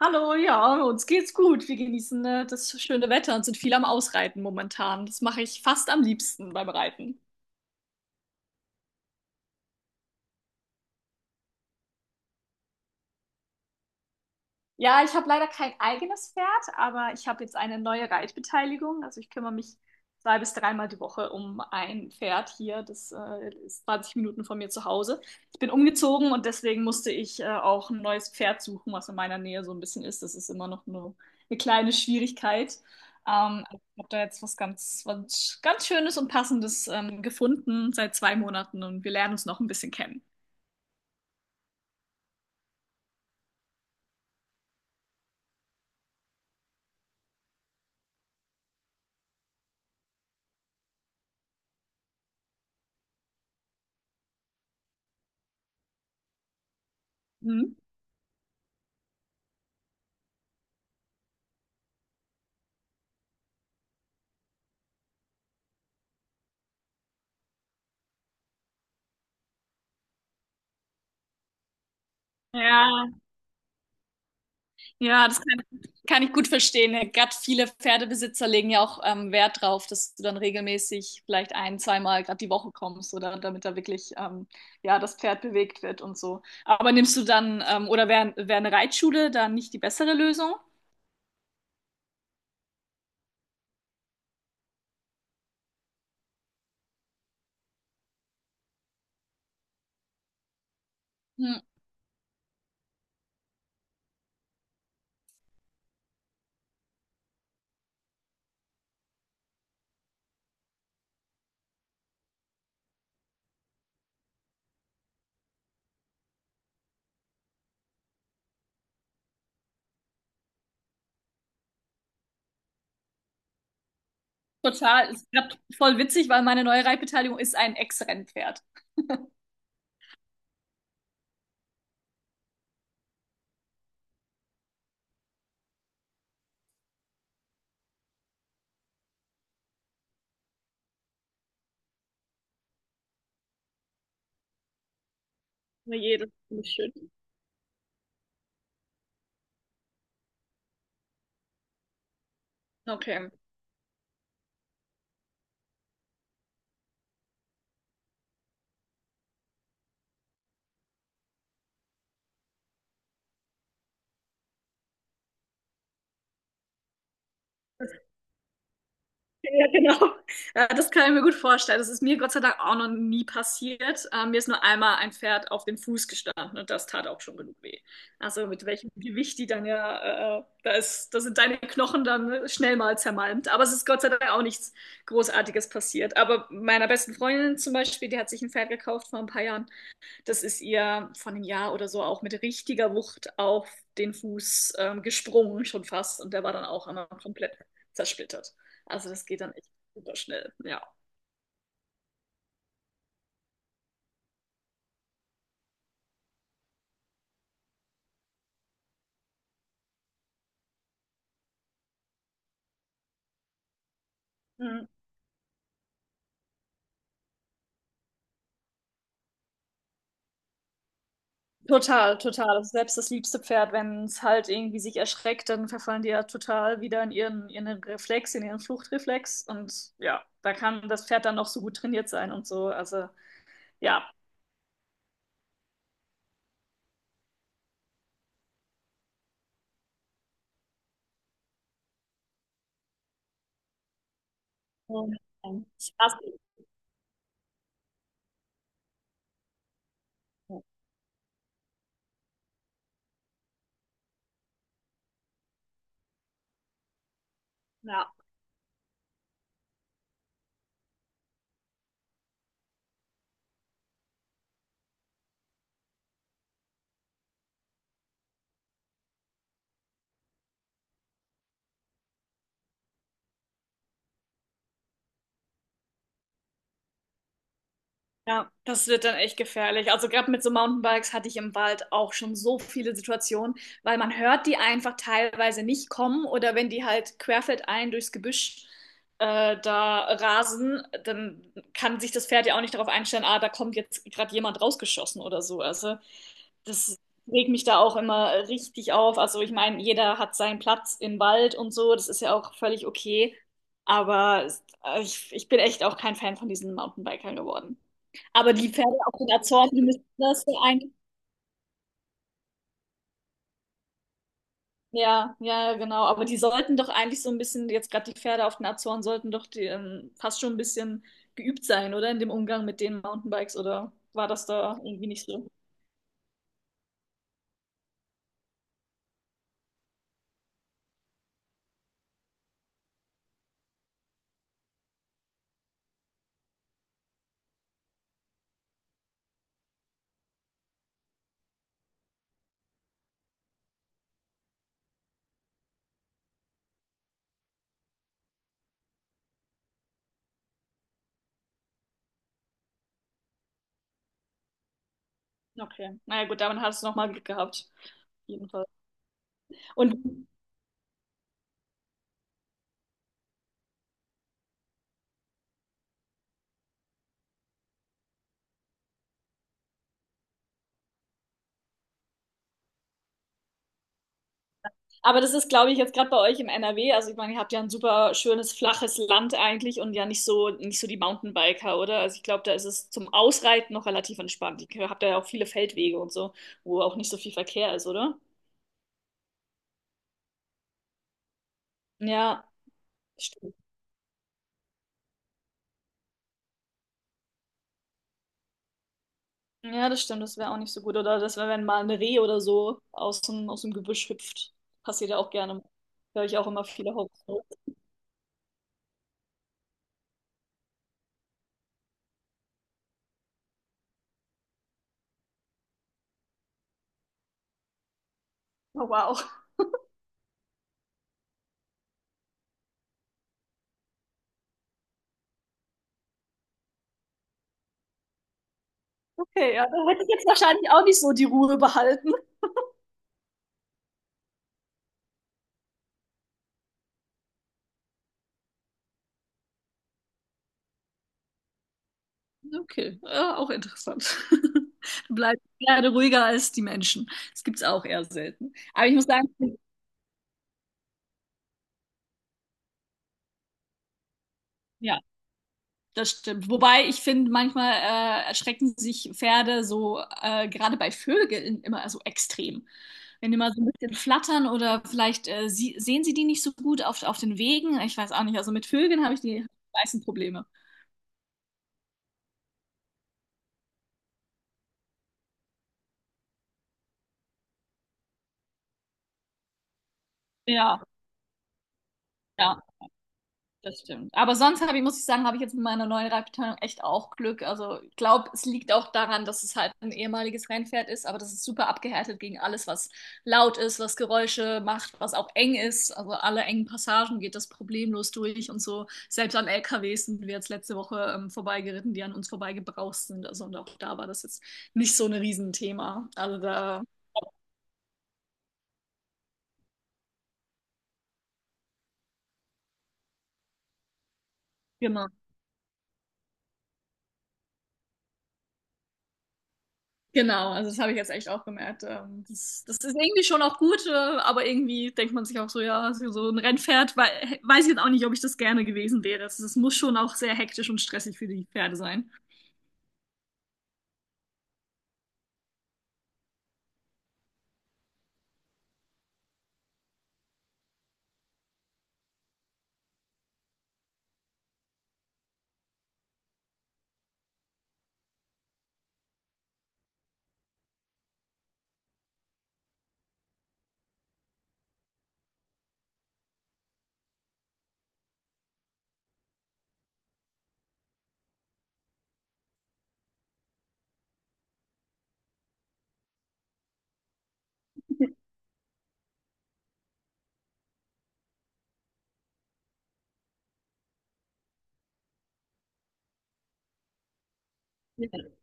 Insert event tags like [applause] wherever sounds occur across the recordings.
Hallo, ja, uns geht's gut. Wir genießen das schöne Wetter und sind viel am Ausreiten momentan. Das mache ich fast am liebsten beim Reiten. Ja, ich habe leider kein eigenes Pferd, aber ich habe jetzt eine neue Reitbeteiligung. Also ich kümmere mich zwei bis dreimal die Woche um ein Pferd hier. Das ist 20 Minuten von mir zu Hause. Ich bin umgezogen und deswegen musste ich auch ein neues Pferd suchen, was in meiner Nähe so ein bisschen ist. Das ist immer noch nur eine kleine Schwierigkeit. Also ich habe da jetzt was ganz Schönes und Passendes gefunden seit zwei Monaten und wir lernen uns noch ein bisschen kennen. Mhm. Ja. Ja, das kann ich gut verstehen. Gerade viele Pferdebesitzer legen ja auch Wert drauf, dass du dann regelmäßig vielleicht ein, zweimal gerade die Woche kommst oder damit da wirklich ja das Pferd bewegt wird und so. Aber nimmst du dann oder wär eine Reitschule dann nicht die bessere Lösung? Hm, total. Es ist grad voll witzig, weil meine neue Reitbeteiligung ist ein Ex-Rennpferd. Na je, das ist schön. Okay. [laughs] Ja, genau. Ja, das kann ich mir gut vorstellen. Das ist mir Gott sei Dank auch noch nie passiert. Mir ist nur einmal ein Pferd auf den Fuß gestanden und das tat auch schon genug weh. Also mit welchem Gewicht die dann ja, da sind deine Knochen dann ne, schnell mal zermalmt. Aber es ist Gott sei Dank auch nichts Großartiges passiert. Aber meiner besten Freundin zum Beispiel, die hat sich ein Pferd gekauft vor ein paar Jahren, das ist ihr von einem Jahr oder so auch mit richtiger Wucht auf den Fuß gesprungen, schon fast. Und der war dann auch einmal komplett zersplittert. Also das geht dann echt super schnell, ja. Mhm. Total, total. Also selbst das liebste Pferd, wenn es halt irgendwie sich erschreckt, dann verfallen die ja total wieder in ihren Reflex, in ihren Fluchtreflex. Und ja, da kann das Pferd dann noch so gut trainiert sein und so. Also ja. Mhm. Ja. Ja, das wird dann echt gefährlich. Also gerade mit so Mountainbikes hatte ich im Wald auch schon so viele Situationen, weil man hört die einfach teilweise nicht kommen oder wenn die halt querfeldein durchs Gebüsch da rasen, dann kann sich das Pferd ja auch nicht darauf einstellen, ah, da kommt jetzt gerade jemand rausgeschossen oder so. Also das regt mich da auch immer richtig auf. Also ich meine, jeder hat seinen Platz im Wald und so, das ist ja auch völlig okay. Aber ich bin echt auch kein Fan von diesen Mountainbikern geworden. Aber die Pferde auf den Azoren, die müssen das ja eigentlich. Ja, ja, genau. Aber die sollten doch eigentlich so ein bisschen, jetzt gerade die Pferde auf den Azoren sollten doch die, fast schon ein bisschen geübt sein, oder? In dem Umgang mit den Mountainbikes, oder war das da irgendwie nicht so? Okay. Naja, gut, damit hast du nochmal Glück gehabt. Jedenfalls. Und Aber das ist, glaube ich, jetzt gerade bei euch im NRW. Also ich meine, ihr habt ja ein super schönes, flaches Land eigentlich und ja nicht so, nicht so die Mountainbiker, oder? Also ich glaube, da ist es zum Ausreiten noch relativ entspannt. Ihr habt ja auch viele Feldwege und so, wo auch nicht so viel Verkehr ist, oder? Ja, stimmt. Ja, das stimmt. Das wäre auch nicht so gut. Oder das wäre, wenn mal ein Reh oder so aus dem Gebüsch hüpft. Passiert ja auch gerne. Höre ich auch immer viele Horror. Oh, wow. [laughs] Okay, ja. Da hätte ich jetzt wahrscheinlich auch nicht so die Ruhe behalten. Okay, ja, auch interessant. [laughs] Du bleibst gerne ruhiger als die Menschen. Das gibt es auch eher selten. Aber ich muss sagen, ja, das stimmt. Wobei ich finde, manchmal erschrecken sich Pferde so, gerade bei Vögeln, immer so extrem. Wenn die mal so ein bisschen flattern oder vielleicht sehen sie die nicht so gut auf den Wegen. Ich weiß auch nicht. Also mit Vögeln habe ich die meisten Probleme. Ja, ja. Das stimmt. Aber sonst habe ich, muss ich sagen, habe ich jetzt mit meiner neuen Reitbeteiligung echt auch Glück. Also ich glaube, es liegt auch daran, dass es halt ein ehemaliges Rennpferd ist, aber das ist super abgehärtet gegen alles, was laut ist, was Geräusche macht, was auch eng ist. Also alle engen Passagen geht das problemlos durch und so. Selbst an LKWs sind wir jetzt letzte Woche vorbeigeritten, die an uns vorbeigebraust sind. Also und auch da war das jetzt nicht so ein Riesenthema. Also da, genau. Genau, also das habe ich jetzt echt auch gemerkt. Das ist irgendwie schon auch gut, aber irgendwie denkt man sich auch so, ja, so ein Rennpferd, weiß ich jetzt auch nicht, ob ich das gerne gewesen wäre. Es muss schon auch sehr hektisch und stressig für die Pferde sein. [laughs] Ja.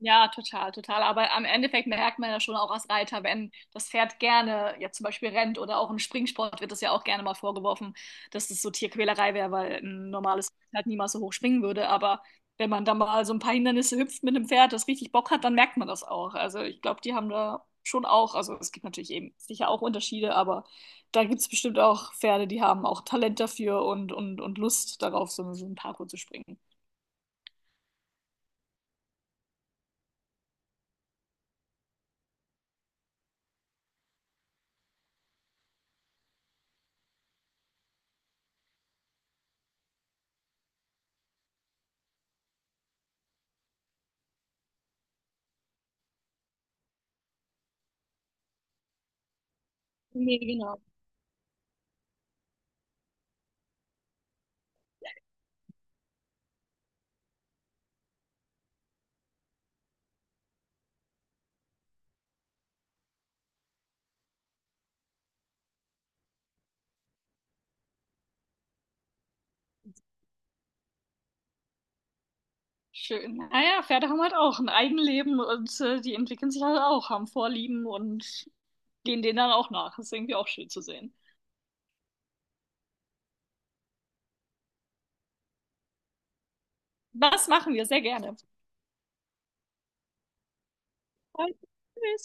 Ja, total, total. Aber am Endeffekt merkt man ja schon auch als Reiter, wenn das Pferd gerne ja zum Beispiel rennt oder auch im Springsport wird das ja auch gerne mal vorgeworfen, dass das so Tierquälerei wäre, weil ein normales Pferd halt niemals so hoch springen würde. Aber wenn man dann mal so ein paar Hindernisse hüpft mit einem Pferd, das richtig Bock hat, dann merkt man das auch. Also ich glaube, die haben da schon auch, also es gibt natürlich eben sicher auch Unterschiede, aber da gibt es bestimmt auch Pferde, die haben auch Talent dafür und Lust darauf, so einen Parkour zu springen. Nee, genau. Schön. Naja, Pferde haben halt auch ein Eigenleben und die entwickeln sich halt auch, haben Vorlieben und gehen denen dann auch nach. Das ist irgendwie auch schön zu sehen. Das machen wir sehr gerne. Tschüss.